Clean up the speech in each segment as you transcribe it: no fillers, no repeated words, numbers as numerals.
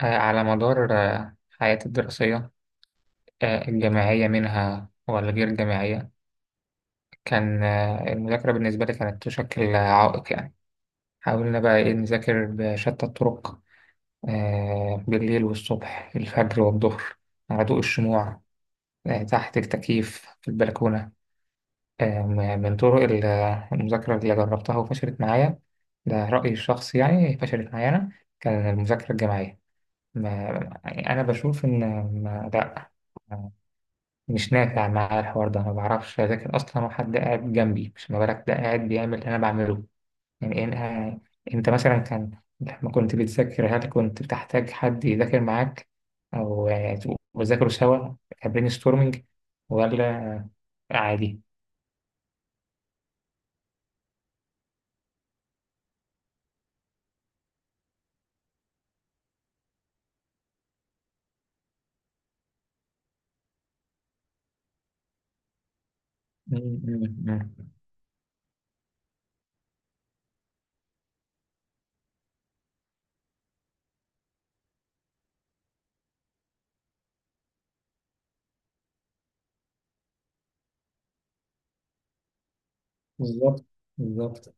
على مدار حياتي الدراسية، الجامعية منها ولا غير الجامعية. كان المذاكرة بالنسبة لي كانت تشكل عائق يعني. حاولنا بقى إيه نذاكر بشتى الطرق، بالليل والصبح الفجر والظهر، على ضوء الشموع، تحت التكييف في البلكونة. من طرق المذاكرة اللي جربتها وفشلت معايا. ده رأيي الشخصي يعني، فشلت معايا أنا. كان المذاكرة الجامعية، ما يعني أنا بشوف إن، لأ، مش نافع معايا الحوار ده. ما بعرفش اذاكر اصلا وحد قاعد جنبي، مش ما بالك ده قاعد بيعمل اللي انا بعمله. يعني إيه انا، يعني انت مثلا كان، لما كنت بتذاكر هل كنت بتحتاج حد يذاكر معاك؟ او تبقوا بتذاكروا سوا، كبرين ستورمنج، ولا عادي؟ م- م- م. بالظبط، بالظبط.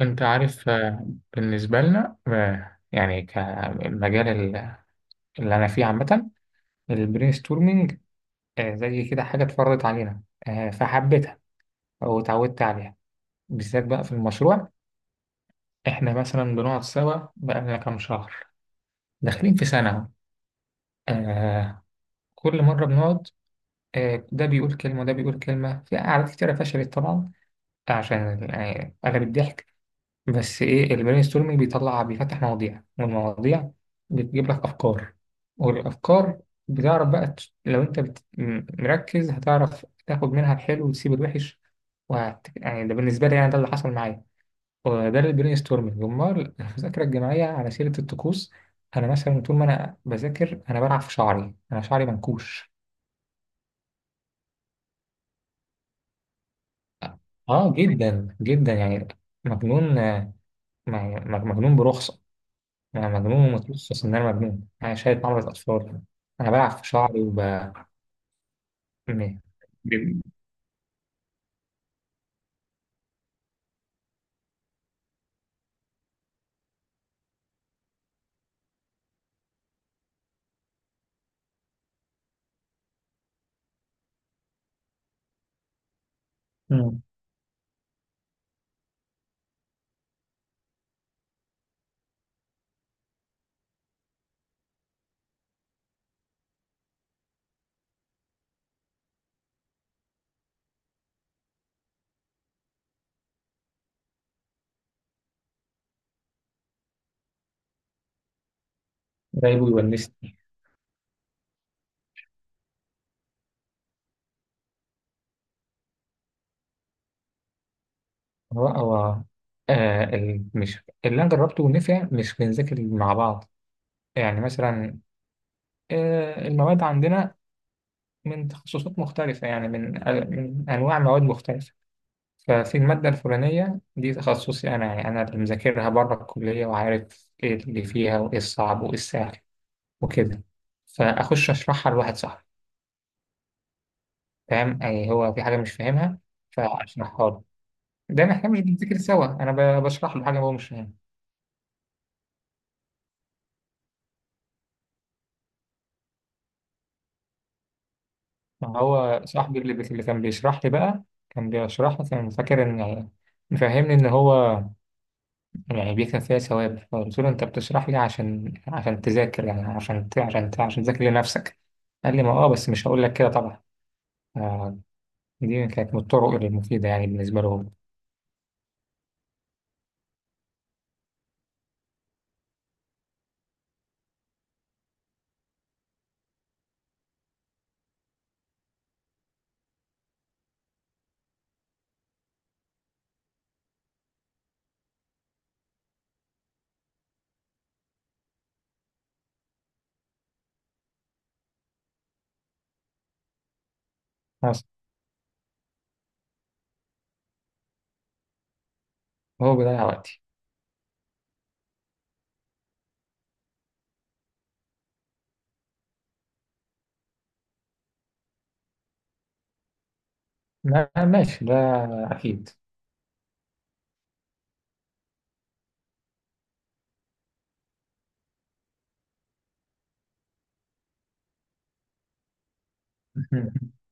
انت عارف بالنسبه لنا، يعني كمجال اللي انا فيه عامه، البرين ستورمنج زي كده حاجة اتفرضت علينا، فحبيتها واتعودت عليها. بالذات بقى في المشروع، احنا مثلا بنقعد سوا بقالنا كام شهر، داخلين في سنة أهو. آه، كل مرة بنقعد، آه، ده بيقول كلمة وده بيقول كلمة. في قعدات كتيرة فشلت طبعا، عشان أغلب الضحك. بس ايه، البرين ستورمنج بيطلع بيفتح مواضيع، والمواضيع بتجيب لك افكار، والافكار بتعرف بقى لو انت مركز هتعرف تاخد منها الحلو وتسيب الوحش، يعني ده بالنسبه لي، يعني ده اللي حصل معايا، وده البرين ستورمنج. امال المذاكره الجماعيه، على سيره الطقوس، انا مثلا طول ما انا بذاكر انا بلعب في شعري، انا شعري منكوش. اه جدا جدا يعني، مجنون م- مجنون برخصه. انا مجنون متلصص، ان انا مجنون، انا شايل مرض اطفال، انا بلعب في شعري م- ب- مم. جايبه يونسني. هو آه مش اللي انا جربته ونفع، مش بنذاكر مع بعض. يعني مثلا آه، المواد عندنا من تخصصات مختلفة، يعني من من انواع مواد مختلفة. ففي المادة الفلانية دي تخصصي انا، يعني انا اللي مذاكرها بره الكلية وعارف ايه اللي فيها وايه الصعب وايه السهل وكده، فاخش اشرحها لواحد صاحبي فاهم يعني، هو في حاجة مش فاهمها فأشرحها له. ده إحنا مش بنذاكر سوا، أنا بشرح له حاجة هو مش فاهمها. ما هو صاحبي اللي كان بيشرح لي بقى، كان بيشرح لي كان فاكر إن، مفهمني إن هو يعني بيكسب فيها ثواب. فقلت له أنت بتشرح لي عشان، تذاكر، يعني عشان عشان تذاكر لنفسك. قال لي ما أه، بس مش هقول لك كده طبعا. آه، دي كانت من الطرق المفيدة يعني، بالنسبة له هو. بس هو بيضيع وقتي. ماشي ده، أكيد.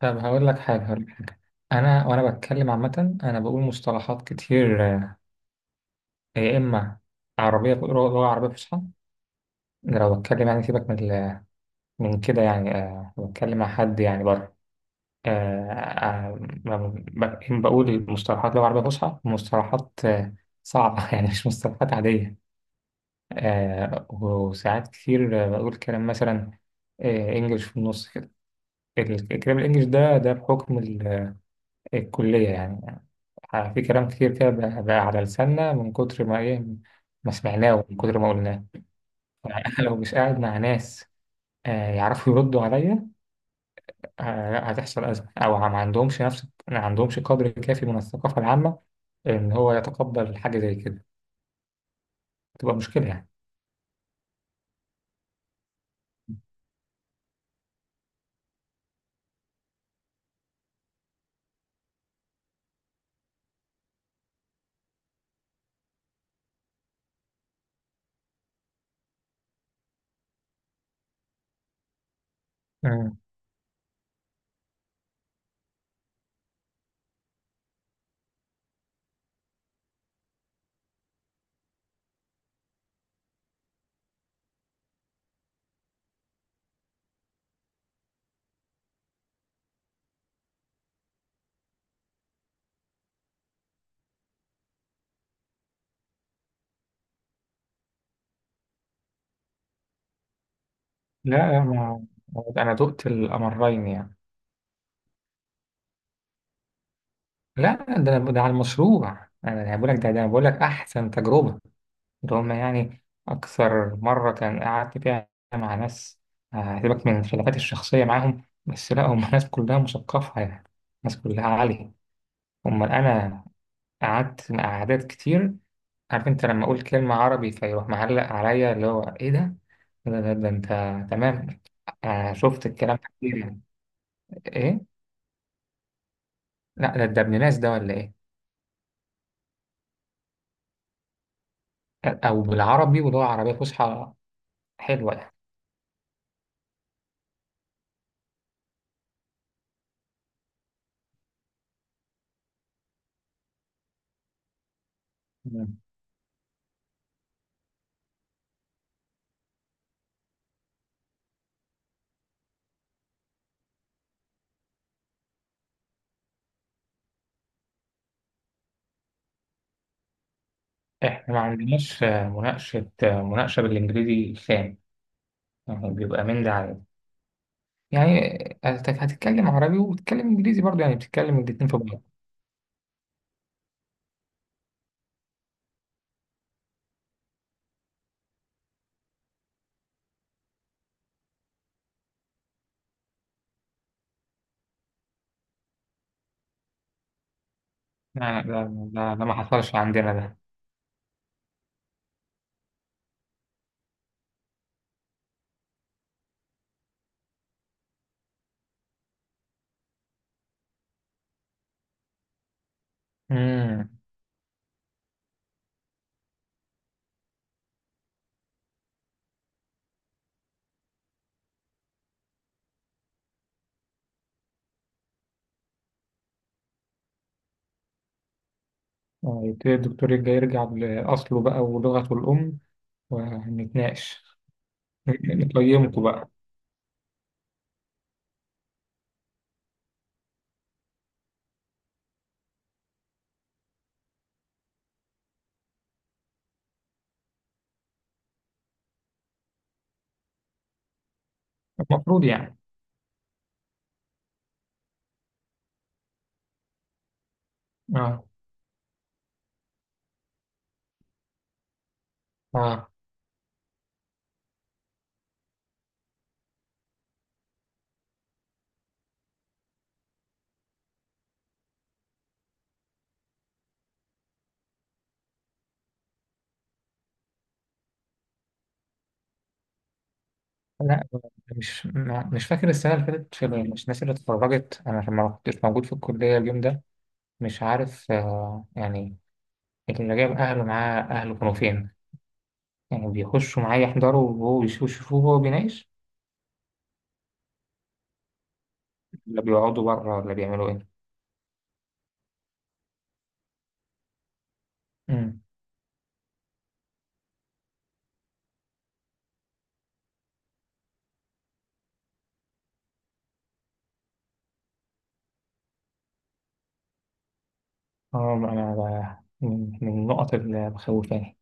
طب هقول لك حاجة، انا وانا بتكلم عامه انا بقول مصطلحات كتير يا اما عربيه، بقول لغه عربيه فصحى. ده لو بتكلم يعني، سيبك من من كده يعني، لو بتكلم مع حد يعني بره، آه، بقول مصطلحات لغه عربيه فصحى، مصطلحات صعبه يعني، مش مصطلحات عاديه. وساعات كتير بقول كلام مثلا انجلش في النص كده. الكلام الانجليش ده ده بحكم الكليه يعني. في كلام كتير كده بقى على لساننا من كتر ما إيه، ما سمعناه ومن كتر ما قلناه. فأنا لو مش قاعد مع ناس يعرفوا يردوا عليا، هتحصل أزمة، أو ما عندهمش نفس، ما عندهمش قدر كافي من الثقافة العامة إن هو يتقبل حاجة زي كده، تبقى مشكلة يعني. مم. لا ما، أنا دقت الأمرين يعني. لا ده ده على المشروع، أنا بقول لك ده، أنا بقول لك أحسن تجربة. ده هما يعني أكثر مرة كان قعدت فيها مع ناس، سيبك من الخلافات الشخصية معاهم، بس لا هم ناس كلها مثقفة يعني، ناس كلها عالية. أمال أنا قعدت مع أعداد كتير، عارف أنت لما أقول كلمة عربي فيروح معلق عليا اللي هو إيه ده؟ ده أنت، تمام، شفت الكلام ده كتير يعني. إيه؟ لا ده ابن ناس ده ولا إيه؟ أو بالعربي، واللغة العربية فصحى حلوة يعني. احنا ما عندناش مناقشة بالانجليزي خام، يعني بيبقى من ده على ده يعني. هتتكلم عربي وبتتكلم انجليزي برضه، يعني بتتكلم الاتنين في بعض. لا، ده ما حصلش عندنا ده. امم. يبتدي الدكتور يرجع لأصله بقى ولغته الأم ونتناقش، نقيمكم بقى. المفروض يعني، اه. اه لا، مش مش فاكر السنة اللي فاتت، في مش الناس اللي اتخرجت أنا لما ما كنتش موجود في الكلية اليوم ده، مش عارف آه يعني. لكن لو جاب أهله معاه، أهله كانوا فين؟ يعني بيخشوا معاه يحضروا وهو يشوفوه وهو بيناقش؟ ولا بيقعدوا بره ولا بيعملوا إيه؟ أمم. اه أنا، من النقط اللي مخوفاني.